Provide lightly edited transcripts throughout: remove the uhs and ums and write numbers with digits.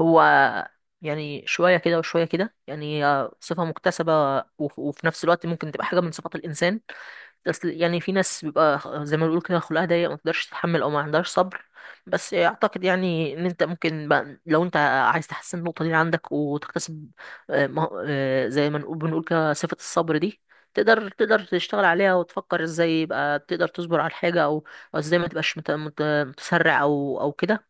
هو يعني شوية كده وشوية كده، يعني هي صفة مكتسبة. وفي نفس الوقت ممكن تبقى حاجة من صفات الإنسان. بس يعني في ناس بيبقى زي ما بيقولوا كده خلقها ضيق، ما تقدرش تتحمل أو ما عندهاش صبر. بس أعتقد يعني إن أنت ممكن بقى، لو أنت عايز تحسن النقطة دي عندك وتكتسب، زي ما نقول بنقول كده صفة الصبر دي، تقدر تشتغل عليها وتفكر ازاي يبقى تقدر تصبر على الحاجة، او ازاي ما تبقاش متسرع او كده.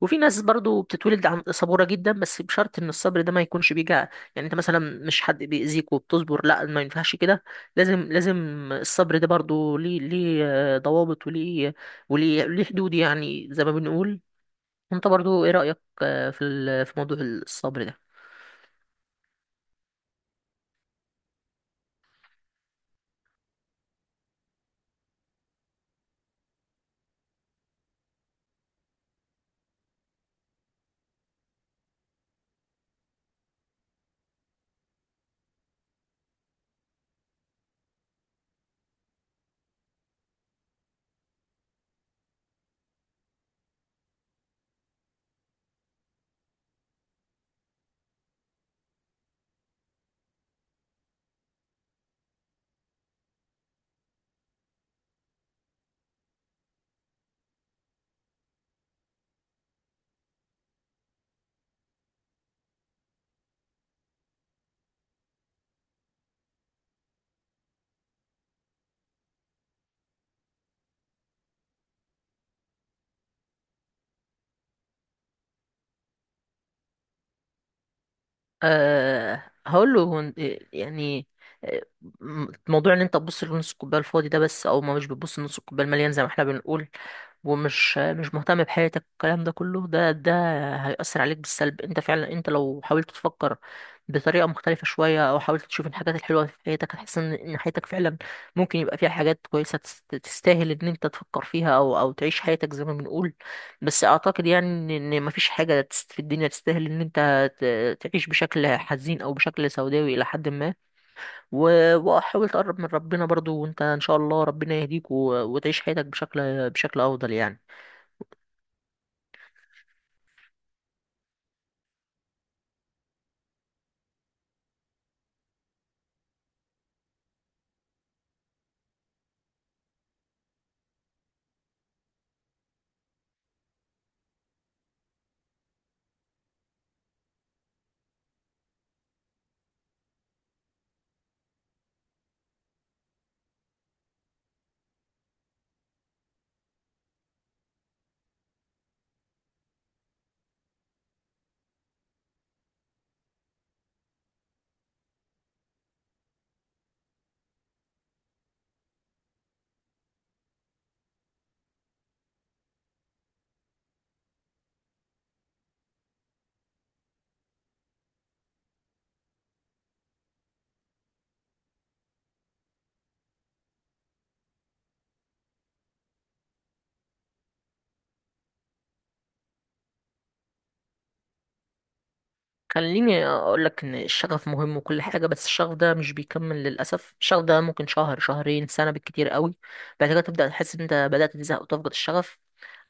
وفي ناس برضو بتتولد عن صبورة جدا، بس بشرط ان الصبر ده ما يكونش بيجع. يعني انت مثلا مش حد بيأذيك وبتصبر، لا ما ينفعش كده. لازم لازم، الصبر ده برضو ليه ضوابط، وليه حدود يعني زي ما بنقول. انت برضو ايه رأيك في موضوع الصبر ده؟ أه، هقول له، هو إنت- يعني آه، م- موضوع ان انت تبص لنص الكوبايه الفاضي ده بس، او ما مش بتبص لنص الكوبايه المليان زي ما احنا بنقول، ومش مش مهتم بحياتك، الكلام ده كله ده هيأثر عليك بالسلب. انت فعلا، انت لو حاولت تفكر بطريقة مختلفة شوية، او حاولت تشوف الحاجات الحلوة في حياتك، هتحس ان حياتك فعلا ممكن يبقى فيها حاجات كويسة تستاهل ان انت تفكر فيها او تعيش حياتك زي ما بنقول. بس اعتقد يعني ان مفيش حاجة في الدنيا تستاهل ان انت تعيش بشكل حزين او بشكل سوداوي الى حد ما. وحاول تقرب من ربنا برضو، وانت ان شاء الله ربنا يهديك، وتعيش حياتك بشكل افضل يعني. خليني اقول لك ان الشغف مهم وكل حاجه، بس الشغف ده مش بيكمل للاسف. الشغف ده ممكن شهر شهرين سنه بالكتير قوي، بعد كده تبدا تحس ان انت بدات تزهق وتفقد الشغف.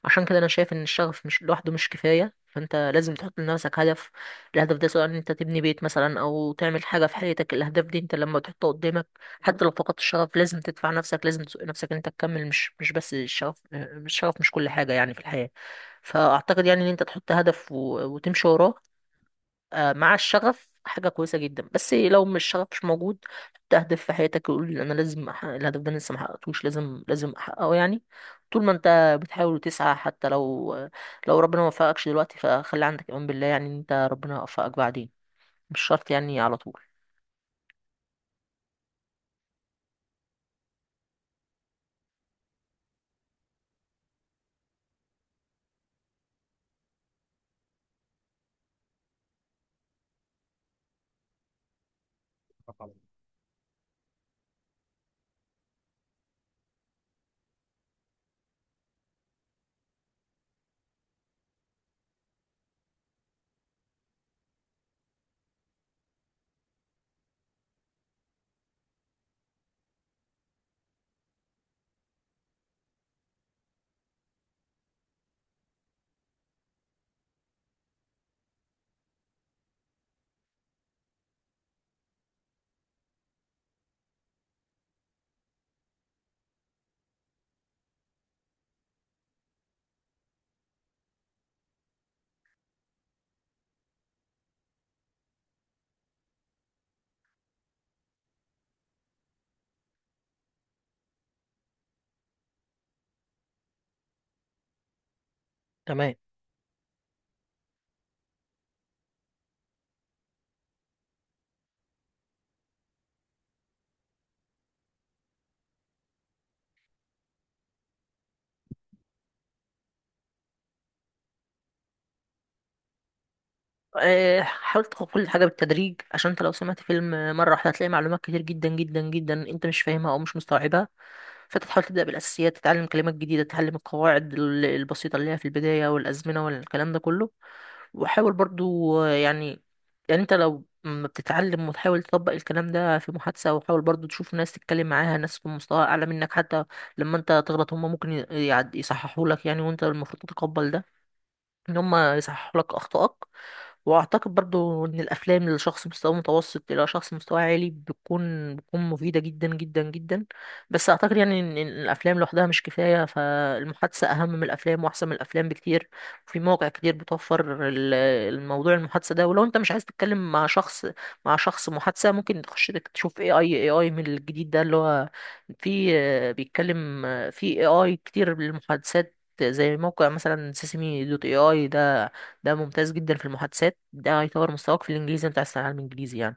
عشان كده انا شايف ان الشغف مش لوحده، مش كفايه. فانت لازم تحط لنفسك هدف. الهدف ده، سواء ان انت تبني بيت مثلا او تعمل حاجه في حياتك، الاهداف دي انت لما تحطها قدامك، حتى لو فقدت الشغف، لازم تدفع نفسك، لازم تسوق نفسك ان انت تكمل. مش بس الشغف، الشغف مش كل حاجه يعني في الحياه. فاعتقد يعني ان انت تحط هدف وتمشي وراه. آه، مع الشغف حاجة كويسة جدا، بس لو مش الشغف مش موجود، حط هدف في حياتك، يقول أنا لازم أحقق الهدف ده، أنا لسه محققتوش، لازم لازم أحققه يعني. طول ما أنت بتحاول وتسعى، حتى لو ربنا ما وفقكش دلوقتي، فخلي عندك إيمان بالله، يعني إن أنت ربنا يوفقك بعدين، مش شرط يعني على طول. تمام. آه، حاول تاخد كل حاجة بالتدريج، عشان انت لو سمعت فيلم مرة واحدة هتلاقي معلومات كتير جدا جدا جدا انت مش فاهمها او مش مستوعبها. فانت تحاول تبدا بالاساسيات، تتعلم كلمات جديده، تتعلم القواعد البسيطه اللي هي في البدايه، والازمنه والكلام ده كله. وحاول برضو، آه، يعني، يعني انت لو ما بتتعلم، وتحاول تطبق الكلام ده في محادثه، وحاول برضو تشوف ناس تتكلم معاها، ناس في مستوى اعلى منك حتى، لما انت تغلط هم ممكن يصححوا لك يعني، وانت المفروض تتقبل ده، ان هم يصححوا لك اخطائك. واعتقد برضو ان الافلام لشخص مستوى متوسط الى شخص مستوى عالي بتكون مفيده جدا جدا جدا. بس اعتقد يعني ان إن الافلام لوحدها مش كفايه. فالمحادثه اهم من الافلام، واحسن من الافلام بكتير. في مواقع كتير بتوفر الموضوع المحادثه ده. ولو انت مش عايز تتكلم مع شخص، مع شخص محادثه، ممكن تخش تشوف اي اي من الجديد ده اللي هو في، آه، بيتكلم، آه، في اي اي كتير للمحادثات، زي موقع مثلا سيسمي دوت اي اي ده. ده ممتاز جدا في المحادثات، ده هيطور مستواك في الانجليزي، انت عايز تتعلم انجليزي يعني.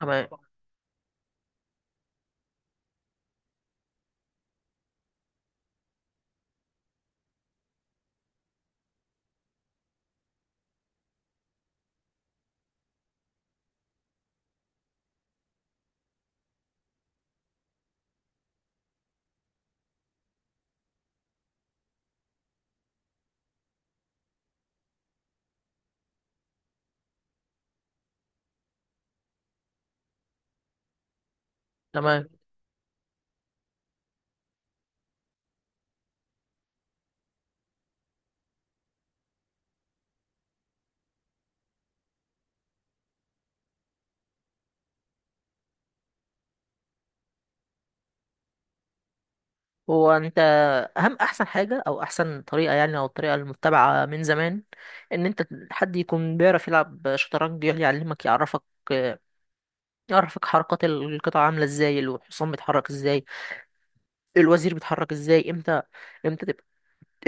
تمام. تمام. هو انت احسن حاجه او احسن طريقه يعني، او الطريقه المتبعه من زمان، ان انت حد يكون بيعرف يلعب شطرنج يعلمك، يعرفك حركات القطع عامله ازاي، الحصان بيتحرك ازاي، الوزير بيتحرك ازاي امتى، امتى تبقى،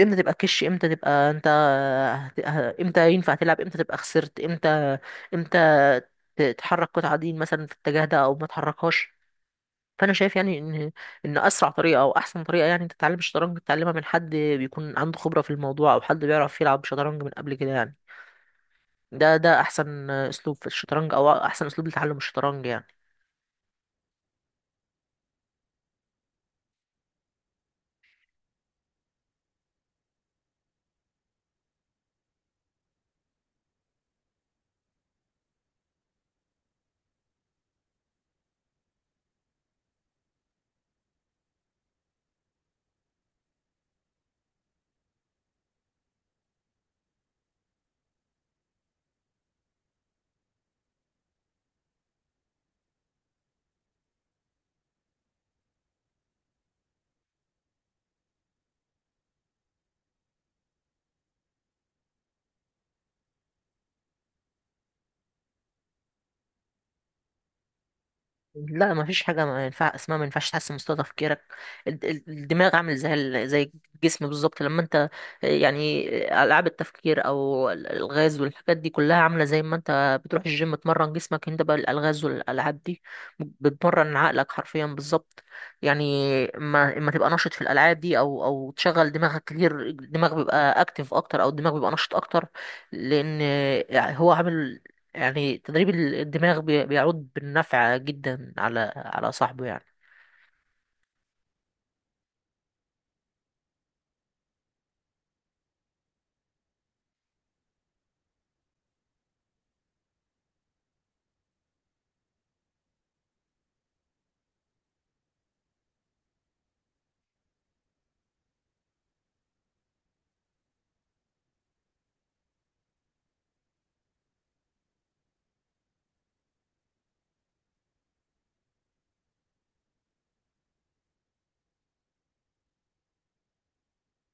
امتى تبقى كش، امتى تبقى امتى ينفع تلعب، امتى تبقى خسرت، امتى تحرك قطعة دين مثلا في الاتجاه ده او ما تحركهاش. فانا شايف يعني ان ان اسرع طريقه، او احسن طريقه يعني انت تتعلم الشطرنج، تتعلمها من حد بيكون عنده خبره في الموضوع، او حد بيعرف يلعب شطرنج من قبل كده يعني. ده احسن اسلوب في الشطرنج، او احسن اسلوب لتعلم الشطرنج يعني. لا، ما فيش حاجه ما ينفع اسمها ما ينفعش تحسن مستوى تفكيرك. الدماغ عامل زي الجسم بالظبط. لما انت، يعني، العاب التفكير او الالغاز والحاجات دي كلها عامله زي ما انت بتروح الجيم تمرن جسمك، انت بقى الالغاز والالعاب دي بتمرن عقلك حرفيا بالظبط يعني. ما اما تبقى نشط في الالعاب دي، او تشغل دماغك كتير، الدماغ بيبقى اكتر، او الدماغ بيبقى نشط اكتر. لان هو عامل، يعني، تدريب الدماغ بيعود بالنفع جدا على صاحبه يعني.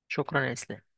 شكرا يا اسلام.